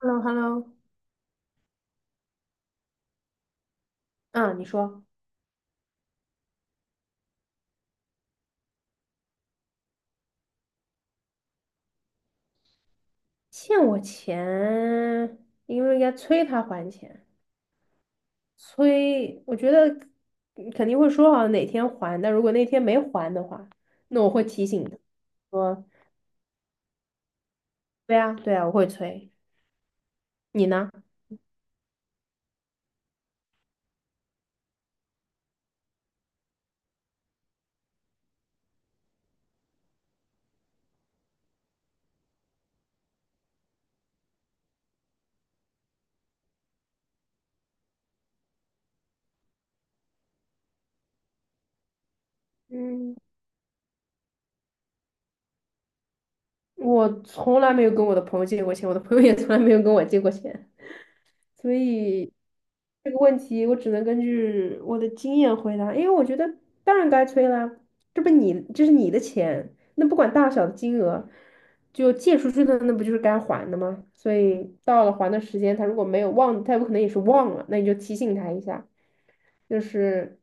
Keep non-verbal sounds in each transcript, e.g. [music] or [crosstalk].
h e l l o h e l l o。 啊，你说。欠我钱，应不应该催他还钱？催，我觉得嗯肯定会说好哪天还，但如果那天没还的话，那我会提醒他说，对啊，对啊，我会催。你呢？嗯，我从来没有跟我的朋友借过钱，我的朋友也从来没有跟我借过钱。所以这个问题我只能根据我的经验回答，因为我觉得当然该催啦，这不你这是你的钱，那不管大小的金额，就借出去的那不就是该还的吗？所以到了还的时间，他如果没有忘，他有可能也是忘了，那你就提醒他一下，就是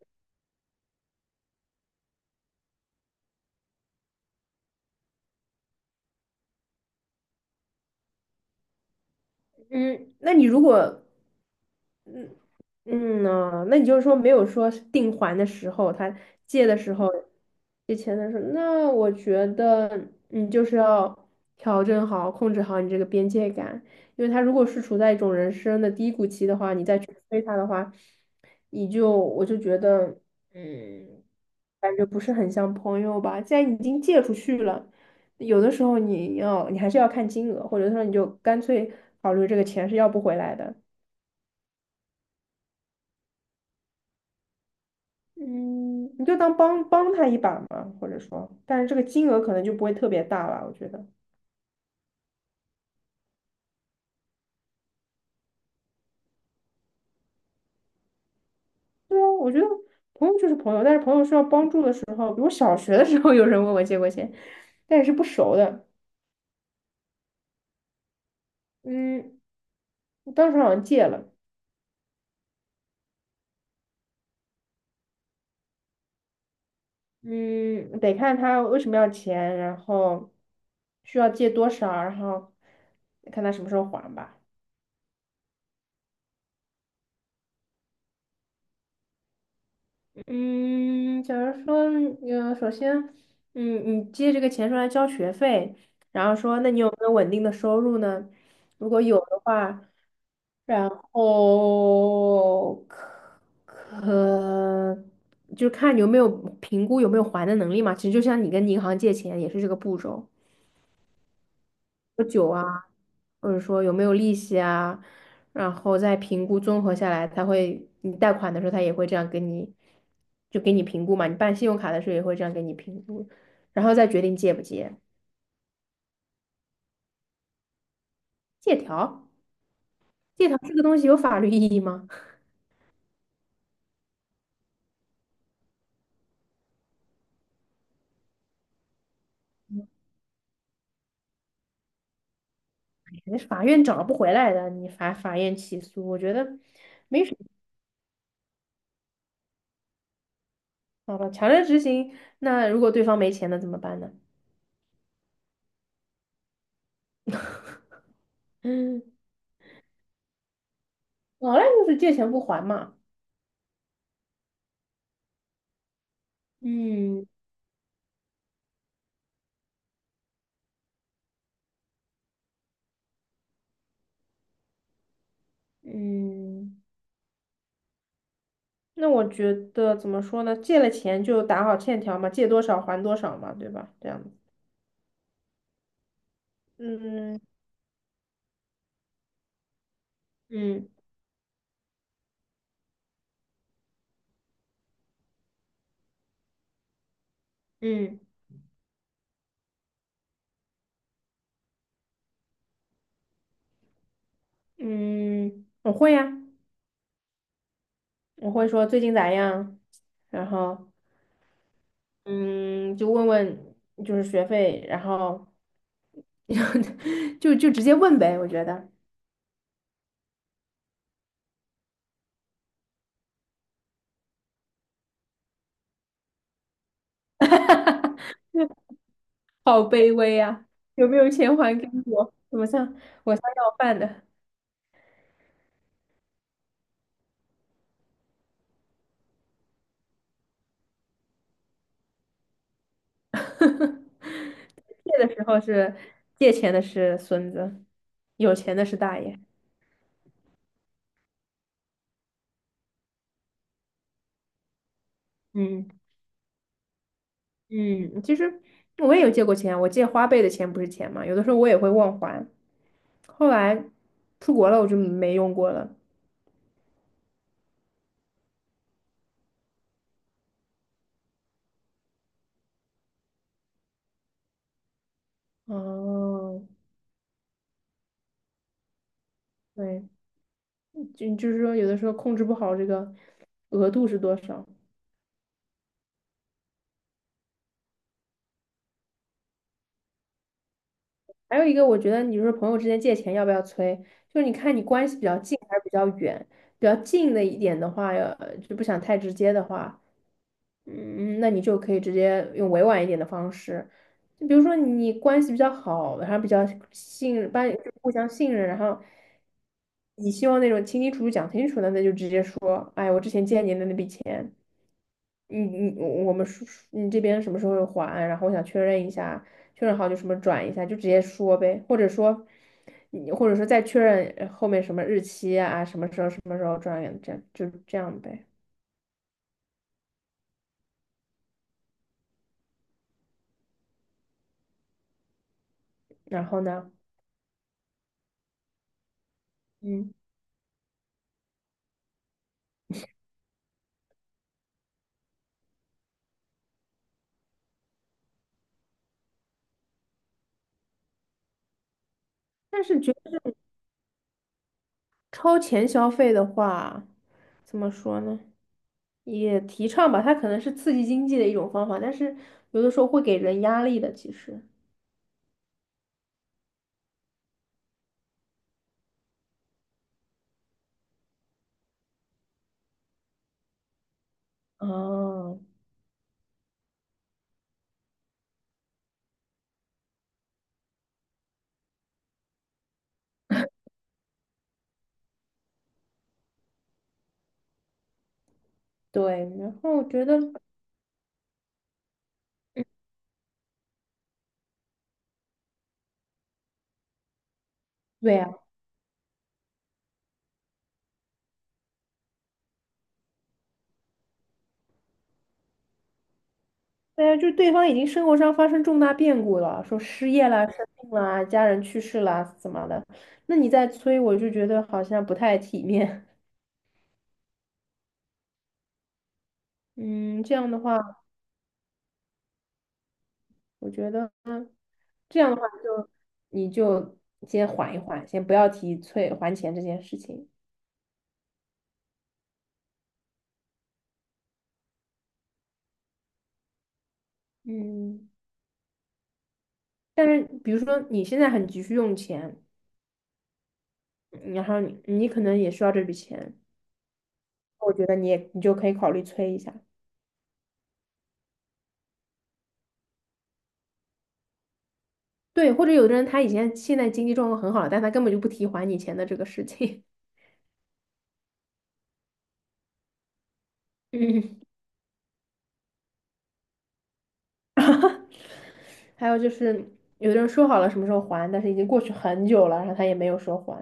嗯，那你如果那你就是说没有说定还的时候，他借的时候借钱的时候，那我觉得你就是要调整好、控制好你这个边界感，因为他如果是处在一种人生的低谷期的话，你再去催他的话，我就觉得，嗯，感觉不是很像朋友吧。既然你已经借出去了，有的时候你还是要看金额，或者说你就干脆考虑这个钱是要不回来的。嗯，你就当帮帮他一把嘛，或者说，但是这个金额可能就不会特别大吧，我觉得。朋友就是朋友，但是朋友需要帮助的时候，比如小学的时候有人问我借过钱，但也是不熟的。嗯，我当时好像借了。嗯，得看他为什么要钱，然后需要借多少，然后看他什么时候还吧。嗯，假如说，首先，嗯，你借这个钱出来交学费，然后说，那你有没有稳定的收入呢？如果有的话，然后可就看你有没有评估有没有还的能力嘛。其实就像你跟银行借钱也是这个步骤。或者说有没有利息啊，然后再评估综合下来，他会你贷款的时候他也会这样给你，就给你评估嘛，你办信用卡的时候也会这样给你评估，然后再决定借不借。借条，借条这个东西有法律意义吗？[laughs] 那法院找不回来的，你法院起诉，我觉得没什么。好吧，强制执行，那如果对方没钱了怎么办呢？嗯，老赖就是借钱不还嘛。嗯。嗯。那我觉得怎么说呢？借了钱就打好欠条嘛，借多少还多少嘛，对吧？这样子。嗯。嗯。嗯。嗯，我会呀、我会说最近咋样，然后嗯，就问问就是学费，然后 [laughs] 就直接问呗。我觉得好卑微呀、有没有钱还给我？我像要饭的？[laughs] 借的时候是借钱的是孙子，有钱的是大爷。嗯。嗯，其实我也有借过钱，我借花呗的钱不是钱嘛，有的时候我也会忘还。后来出国了，我就没用过了。哦，对，就是说，有的时候控制不好这个额度是多少。还有一个，我觉得你说朋友之间借钱要不要催，就是你看你关系比较近还是比较远，比较近的一点的话，就不想太直接的话，嗯，那你就可以直接用委婉一点的方式，就比如说你关系比较好，然后比较信任，班就互相信任，然后你希望那种清清楚楚讲清楚的，那就直接说，哎，我之前借你的那笔钱，你我们说你这边什么时候会还，然后我想确认一下，确认好就什么转一下，就直接说呗，或者说你或者说再确认后面什么日期啊，什么时候什么时候转这样就这样呗，然后呢，嗯。但是超前消费的话，怎么说呢？也提倡吧，它可能是刺激经济的一种方法，但是有的时候会给人压力的。其实，嗯，对。然后我觉得，对呀，对呀，就是对方已经生活上发生重大变故了，说失业啦、生病啦、家人去世啦，怎么的？那你再催，我就觉得好像不太体面。[laughs] 嗯，这样的话，我觉得这样的话就你就先缓一缓，先不要提催还钱这件事情。嗯，但是比如说你现在很急需用钱，然后你可能也需要这笔钱，我觉得你就可以考虑催一下。对，或者有的人他以前现在经济状况很好了，但他根本就不提还你钱的这个事情。[laughs] 嗯，[laughs] 还有就是有的人说好了什么时候还，但是已经过去很久了，然后他也没有说还。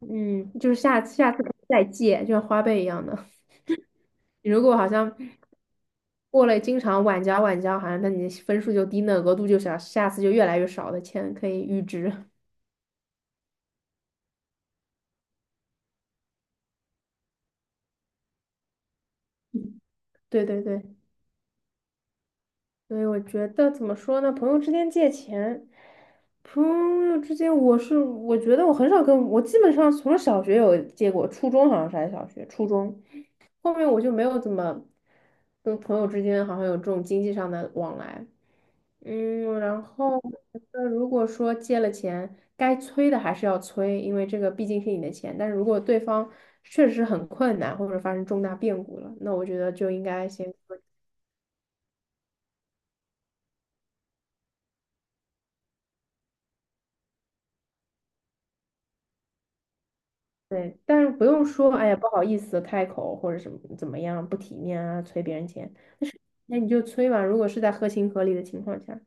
嗯，就是下次可以再借，就像花呗一样的。[laughs] 你如果好像过了经常晚交晚交，好像那你的分数就低，那额度就小，下次就越来越少的钱可以预支。[laughs] 对对对，所以我觉得怎么说呢？朋友之间借钱，朋友之间，我觉得我很少基本上从小学有借过，初中好像是还是小学，初中后面我就没有怎么跟朋友之间好像有这种经济上的往来。嗯，然后我觉得如果说借了钱，该催的还是要催，因为这个毕竟是你的钱。但是如果对方确实很困难，或者发生重大变故了，那我觉得就应该先说对，但是不用说，哎呀，不好意思开口或者什么怎么样不体面啊，催别人钱，那你就催吧。如果是在合情合理的情况下。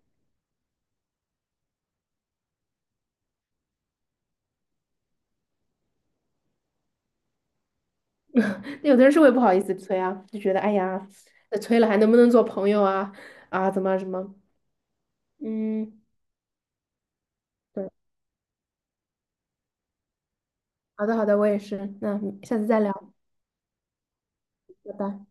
[laughs] 有的人是会不好意思催啊，就觉得哎呀，那催了还能不能做朋友啊？啊，怎么什么？嗯，对，好的好的，我也是，那下次再聊，拜拜。